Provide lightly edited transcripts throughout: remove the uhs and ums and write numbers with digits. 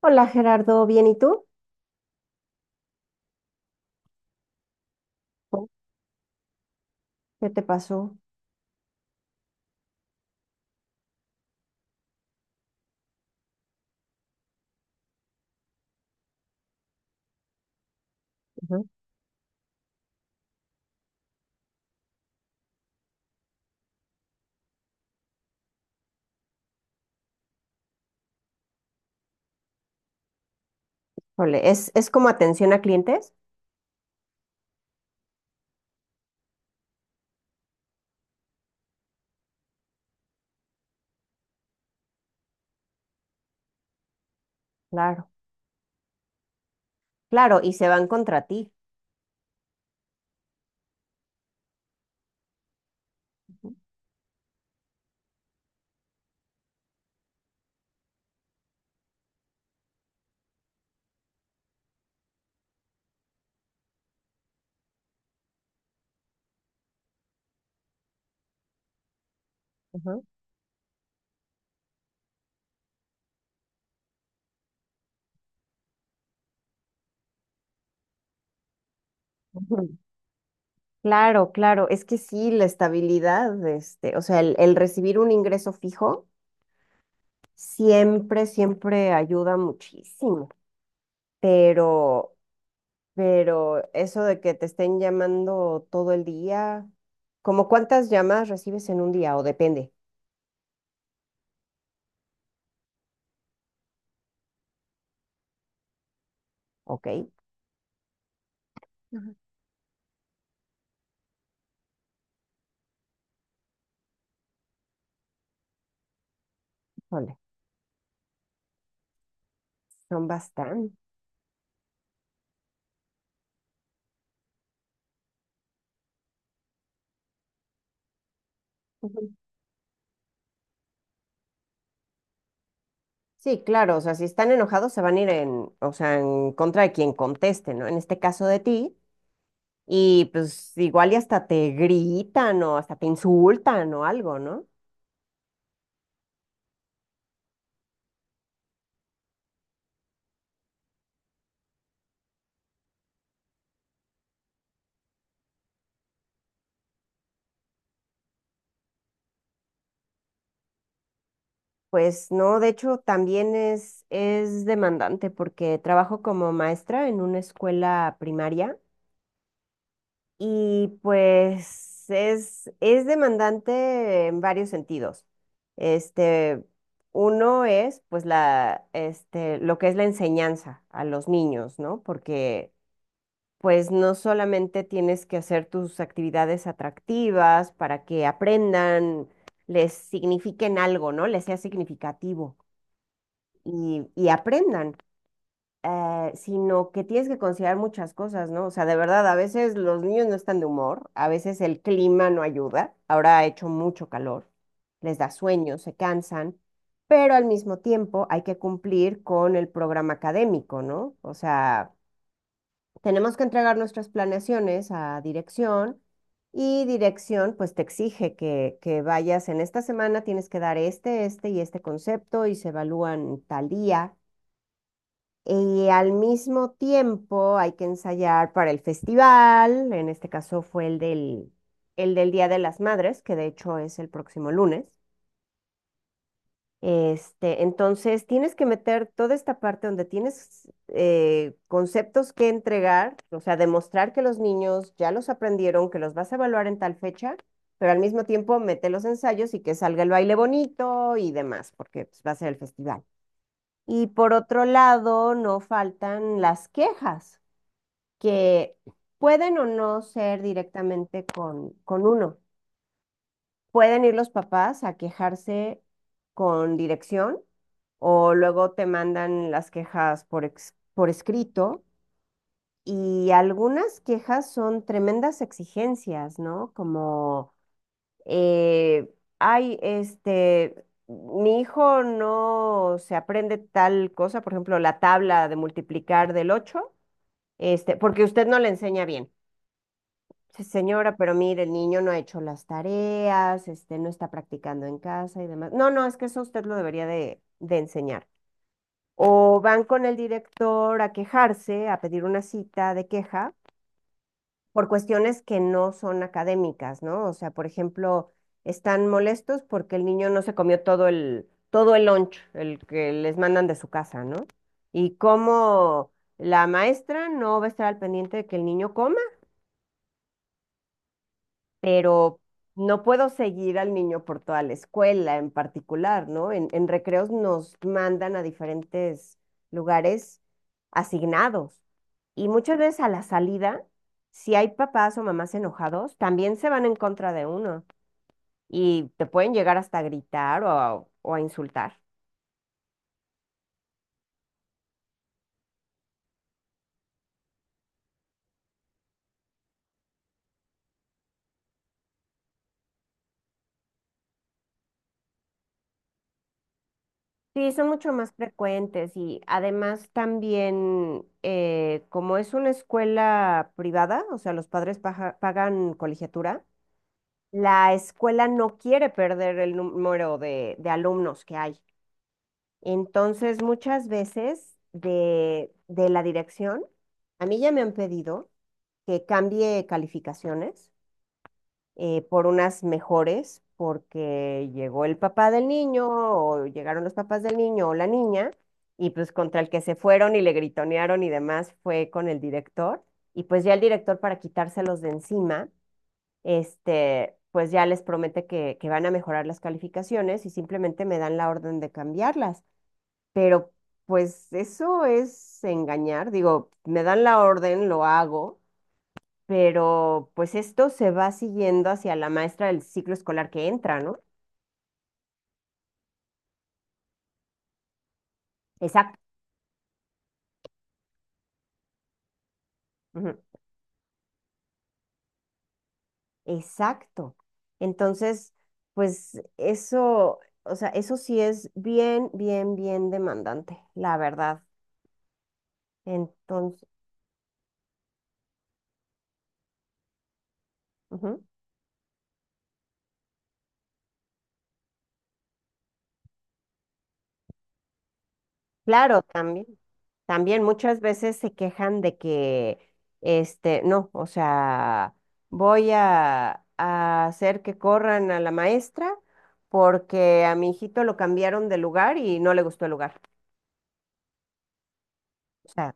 Hola Gerardo, ¿bien y tú? Oh, ¿qué te pasó? Ujú. Híjole, ¿es como atención a clientes? Claro, claro, y se van contra ti. Ujú, ujú. Claro, claro, es que sí, la estabilidad, este, o sea, el recibir un ingreso fijo siempre ayuda muchísimo, pero, pero eso de que te estén llamando todo el día, ¿como cuántas llamadas recibes en un día? O depende, ¿ok? Ujú. Híjole, son bastantes. Sí, claro, o sea, si están enojados se van a ir en, o sea, en contra de quien conteste, ¿no? En este caso de ti, y pues igual y hasta te gritan o hasta te insultan o algo, ¿no? Pues no, de hecho también es demandante porque trabajo como maestra en una escuela primaria. Y pues es demandante en varios sentidos. Este, uno es pues lo que es la enseñanza a los niños, ¿no? Porque pues no solamente tienes que hacer tus actividades atractivas para que aprendan, les signifiquen algo, ¿no? Les sea significativo, y aprendan, sino que tienes que considerar muchas cosas, ¿no? O sea, de verdad, a veces los niños no están de humor, a veces el clima no ayuda, ahora ha hecho mucho calor, les da sueño, se cansan, pero al mismo tiempo hay que cumplir con el programa académico, ¿no? O sea, tenemos que entregar nuestras planeaciones a dirección. Y dirección, pues te exige que, vayas en esta semana, tienes que dar este, este y este concepto y se evalúan tal día. Y al mismo tiempo hay que ensayar para el festival, en este caso fue el del Día de las Madres, que de hecho es el próximo lunes. Este, entonces tienes que meter toda esta parte donde tienes conceptos que entregar, o sea, demostrar que los niños ya los aprendieron, que los vas a evaluar en tal fecha, pero al mismo tiempo mete los ensayos y que salga el baile bonito y demás, porque pues, va a ser el festival. Y por otro lado, no faltan las quejas que pueden o no ser directamente con, uno. Pueden ir los papás a quejarse con dirección o luego te mandan las quejas por escrito, y algunas quejas son tremendas exigencias, ¿no? Como, eh, ay, este, mi hijo no se aprende tal cosa, por ejemplo, la tabla de multiplicar del ocho, porque usted no le enseña bien. Sí, señora, pero mire, el niño no ha hecho las tareas, no está practicando en casa y demás. No, no, es que eso usted lo debería de, enseñar. O van con el director a quejarse, a pedir una cita de queja por cuestiones que no son académicas, ¿no? O sea, por ejemplo, están molestos porque el niño no se comió todo el lunch, el que les mandan de su casa, ¿no? Y como la maestra no va a estar al pendiente de que el niño coma, pero no puedo seguir al niño por toda la escuela en particular, ¿no? En recreos nos mandan a diferentes lugares asignados y muchas veces a la salida, si hay papás o mamás enojados, también se van en contra de uno y te pueden llegar hasta a gritar o a insultar. Sí, son mucho más frecuentes y además también, como es una escuela privada, o sea, los padres pagan colegiatura, la escuela no quiere perder el número de, alumnos que hay. Entonces, muchas veces de, la dirección, a mí ya me han pedido que cambie calificaciones, por unas mejores, porque llegó el papá del niño o llegaron los papás del niño o la niña, y pues contra el que se fueron y le gritonearon y demás fue con el director. Y pues ya el director, para quitárselos de encima, pues ya les promete que, van a mejorar las calificaciones y simplemente me dan la orden de cambiarlas. Pero pues eso es engañar, digo, me dan la orden, lo hago, pero pues esto se va siguiendo hacia la maestra del ciclo escolar que entra, ¿no? Exacto. Ujú, exacto. Entonces, pues eso, o sea, eso sí es bien, bien, bien demandante, la verdad. Entonces, ujú, claro, también. También muchas veces se quejan de que, este, no, o sea, voy a, hacer que corran a la maestra porque a mi hijito lo cambiaron de lugar y no le gustó el lugar. O sea,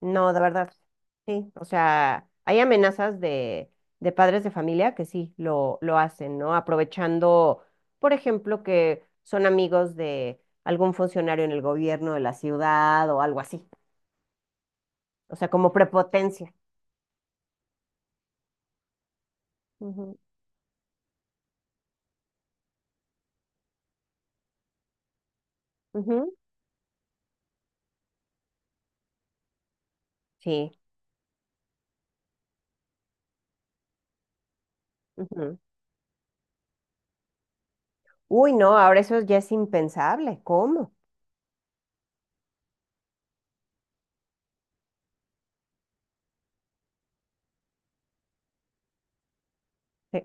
no, de verdad, sí. O sea, hay amenazas de, padres de familia que sí lo, hacen, ¿no? Aprovechando, por ejemplo, que son amigos de algún funcionario en el gobierno de la ciudad o algo así. O sea, como prepotencia. Ujú. Ujú, sí. Ujú. Uy, no, ahora eso ya es impensable. ¿Cómo? Sí.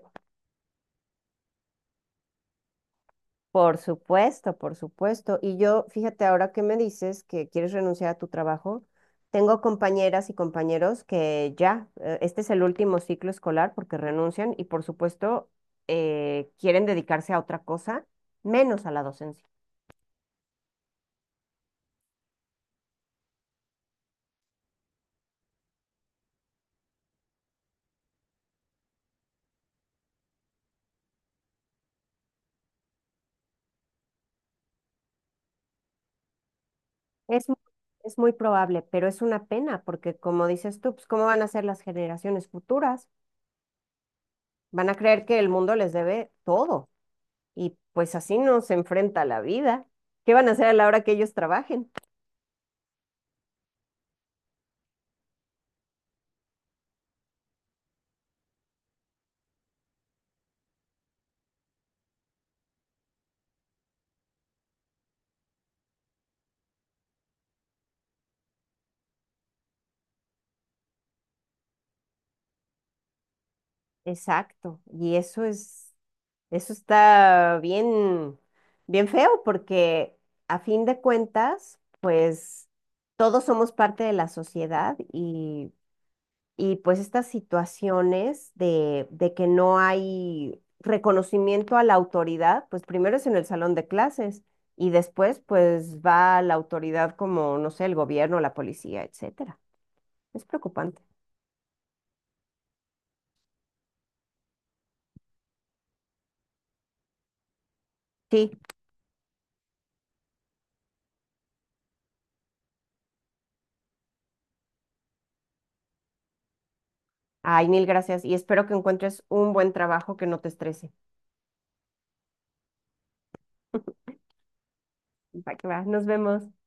Por supuesto, por supuesto. Y yo, fíjate, ahora que me dices que quieres renunciar a tu trabajo, tengo compañeras y compañeros que ya, este es el último ciclo escolar porque renuncian y por supuesto, quieren dedicarse a otra cosa, menos a la docencia. Es, mu- es muy probable, pero es una pena porque como dices tú, pues, ¿cómo van a ser las generaciones futuras? Van a creer que el mundo les debe todo. Y pues así nos enfrenta la vida. ¿Qué van a hacer a la hora que ellos trabajen? Exacto. Y eso está bien, bien feo porque a fin de cuentas, pues todos somos parte de la sociedad, y pues estas situaciones de, que no hay reconocimiento a la autoridad, pues primero es en el salón de clases y después pues va la autoridad como, no sé, el gobierno, la policía, etcétera. Es preocupante. Sí. Ay, mil gracias. Y espero que encuentres un buen trabajo que no te estrese. Va que va. Nos vemos.